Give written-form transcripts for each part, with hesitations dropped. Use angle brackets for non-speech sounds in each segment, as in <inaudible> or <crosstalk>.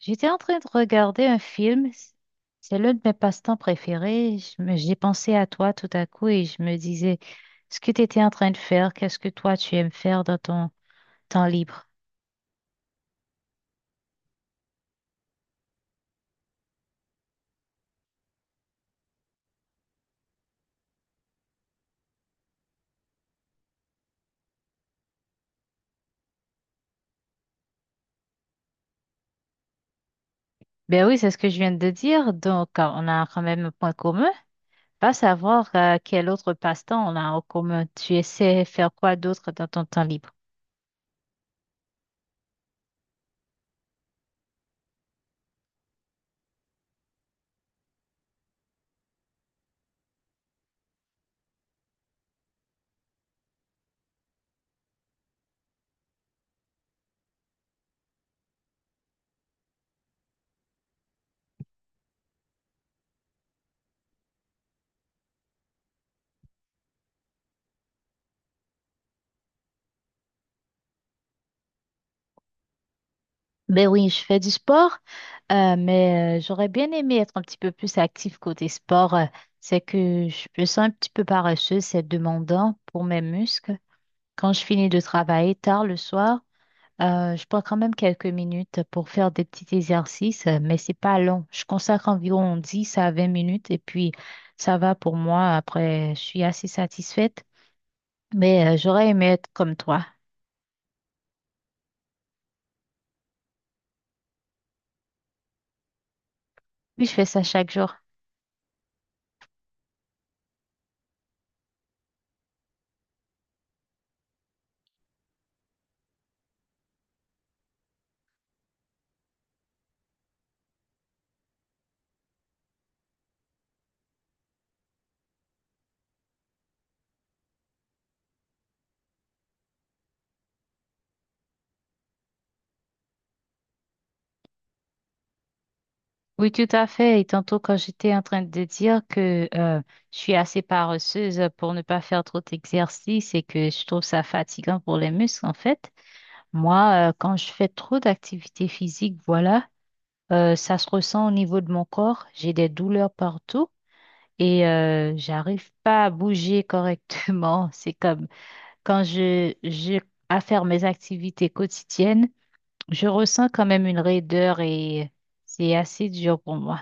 J'étais en train de regarder un film. C'est l'un de mes passe-temps préférés. J'ai pensé à toi tout à coup et je me disais, ce que tu étais en train de faire, qu'est-ce que toi tu aimes faire dans ton temps libre? Ben oui, c'est ce que je viens de dire. Donc, on a quand même un point commun. Pas savoir quel autre passe-temps on a en commun. Tu essaies faire quoi d'autre dans ton temps libre? Ben oui, je fais du sport, j'aurais bien aimé être un petit peu plus active côté sport. C'est que je me sens un petit peu paresseuse, c'est demandant pour mes muscles. Quand je finis de travailler tard le soir, je prends quand même quelques minutes pour faire des petits exercices, mais c'est pas long. Je consacre environ 10 à 20 minutes et puis ça va pour moi. Après, je suis assez satisfaite, j'aurais aimé être comme toi. Puis je fais ça chaque jour. Oui, tout à fait. Et tantôt, quand j'étais en train de dire que je suis assez paresseuse pour ne pas faire trop d'exercice et que je trouve ça fatigant pour les muscles, en fait, moi, quand je fais trop d'activité physique, voilà, ça se ressent au niveau de mon corps. J'ai des douleurs partout et j'arrive pas à bouger correctement. <laughs> C'est comme quand je j'ai à faire mes activités quotidiennes, je ressens quand même une raideur et c'est assez dur pour moi.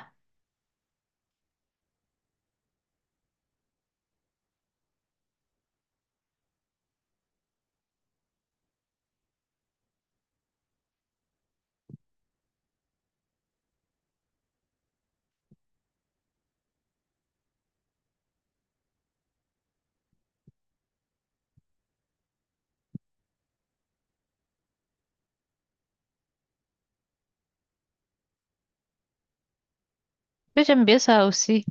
Mais j'aime bien ça aussi.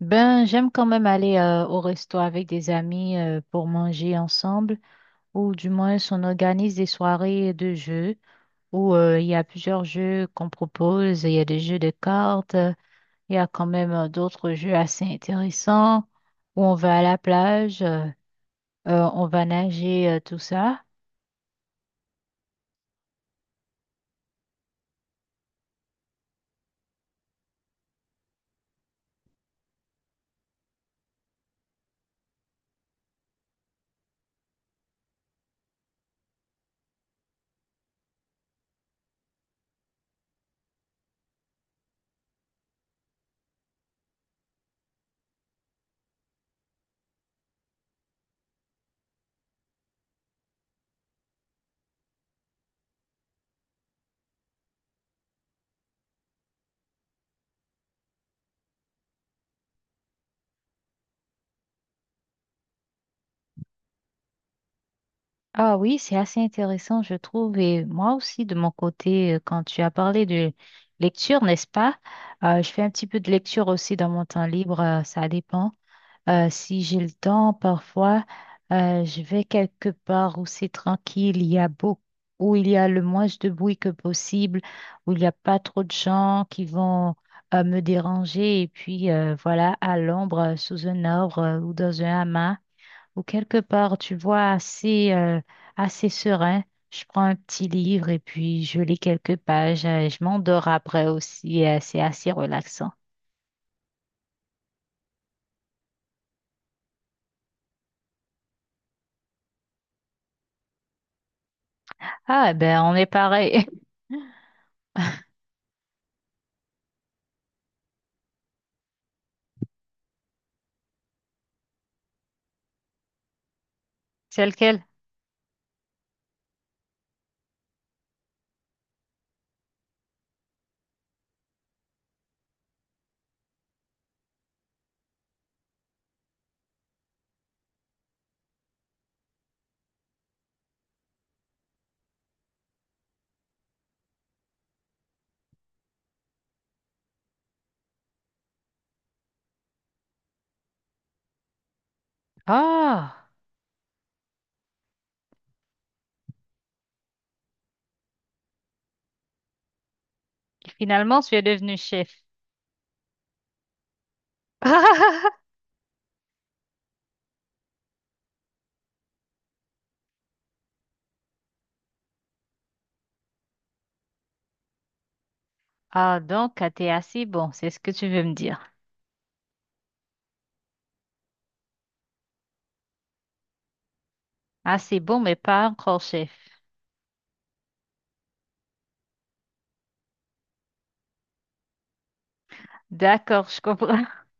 Ben, j'aime quand même aller au resto avec des amis pour manger ensemble, ou du moins on organise des soirées de jeux où il y a plusieurs jeux qu'on propose. Il y a des jeux de cartes, il y a quand même d'autres jeux assez intéressants où on va à la plage, on va nager, tout ça. Ah oui, c'est assez intéressant, je trouve. Et moi aussi, de mon côté, quand tu as parlé de lecture, n'est-ce pas? Je fais un petit peu de lecture aussi dans mon temps libre, ça dépend. Si j'ai le temps, parfois, je vais quelque part où c'est tranquille, il y a beaucoup, où il y a le moins de bruit que possible, où il n'y a pas trop de gens qui vont me déranger. Et puis, voilà, à l'ombre, sous un arbre ou dans un hamac ou quelque part, tu vois, assez serein. Je prends un petit livre et puis je lis quelques pages. Je m'endors après aussi. C'est assez relaxant. Ah, ben, on est pareil. <laughs> C'est lequel? Ah, finalement, tu es devenu chef. <laughs> Ah, donc, ah, t'es assez bon, c'est ce que tu veux me dire. Assez bon, mais pas encore chef. D'accord, je comprends. <laughs>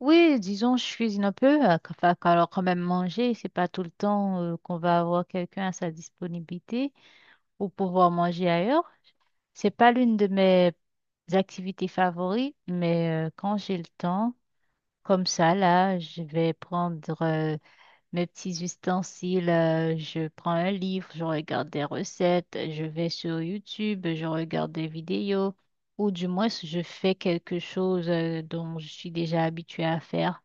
Oui, disons, je cuisine un peu. Enfin, quand même, manger, c'est pas tout le temps qu'on va avoir quelqu'un à sa disponibilité pour pouvoir manger ailleurs. C'est pas l'une de mes activités favorites, mais quand j'ai le temps, comme ça, là, je vais prendre mes petits ustensiles, je prends un livre, je regarde des recettes, je vais sur YouTube, je regarde des vidéos, ou du moins je fais quelque chose dont je suis déjà habituée à faire.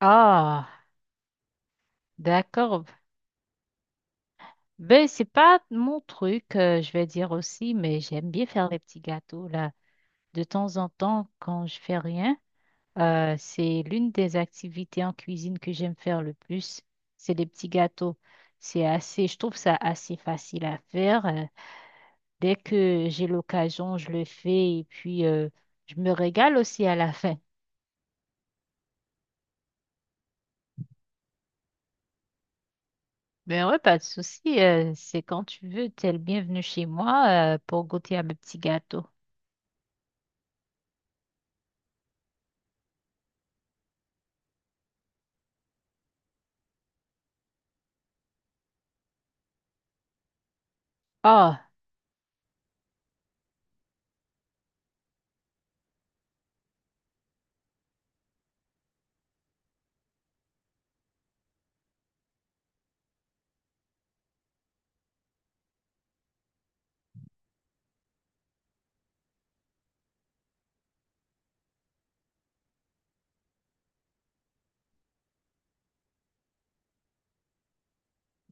Ah, d'accord. Ben, c'est pas mon truc, je vais dire aussi, mais j'aime bien faire les petits gâteaux, là. De temps en temps, quand je fais rien, c'est l'une des activités en cuisine que j'aime faire le plus. C'est les petits gâteaux. C'est assez, je trouve ça assez facile à faire. Dès que j'ai l'occasion, je le fais et puis je me régale aussi à la fin. Ben ouais, pas de souci. C'est quand tu veux, t'es le bienvenu chez moi pour goûter à mes petits gâteaux. Ah,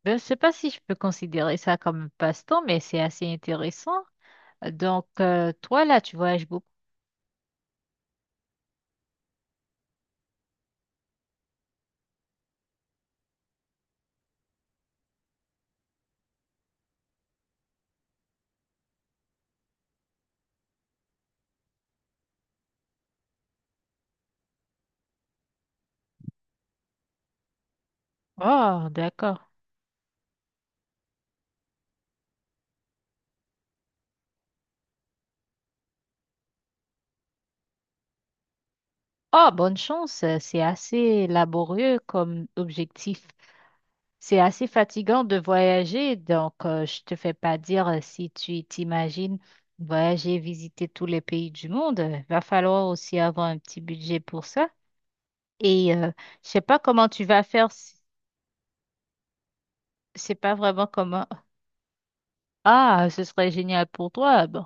ben, je sais pas si je peux considérer ça comme un passe-temps, mais c'est assez intéressant. Donc, toi, là, tu voyages beaucoup. Oh, d'accord. Oh, bonne chance. C'est assez laborieux comme objectif. C'est assez fatigant de voyager, donc je te fais pas dire si tu t'imagines voyager, visiter tous les pays du monde. Va falloir aussi avoir un petit budget pour ça. Et je sais pas comment tu vas faire. Si- C'est pas vraiment comment. Ah, ce serait génial pour toi. Bon,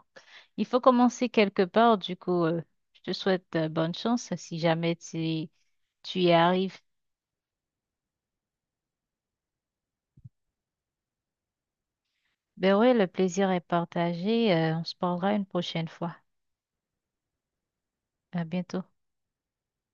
il faut commencer quelque part. Du coup, je te souhaite bonne chance si jamais tu y arrives. Ben oui, le plaisir est partagé. On se parlera une prochaine fois. À bientôt.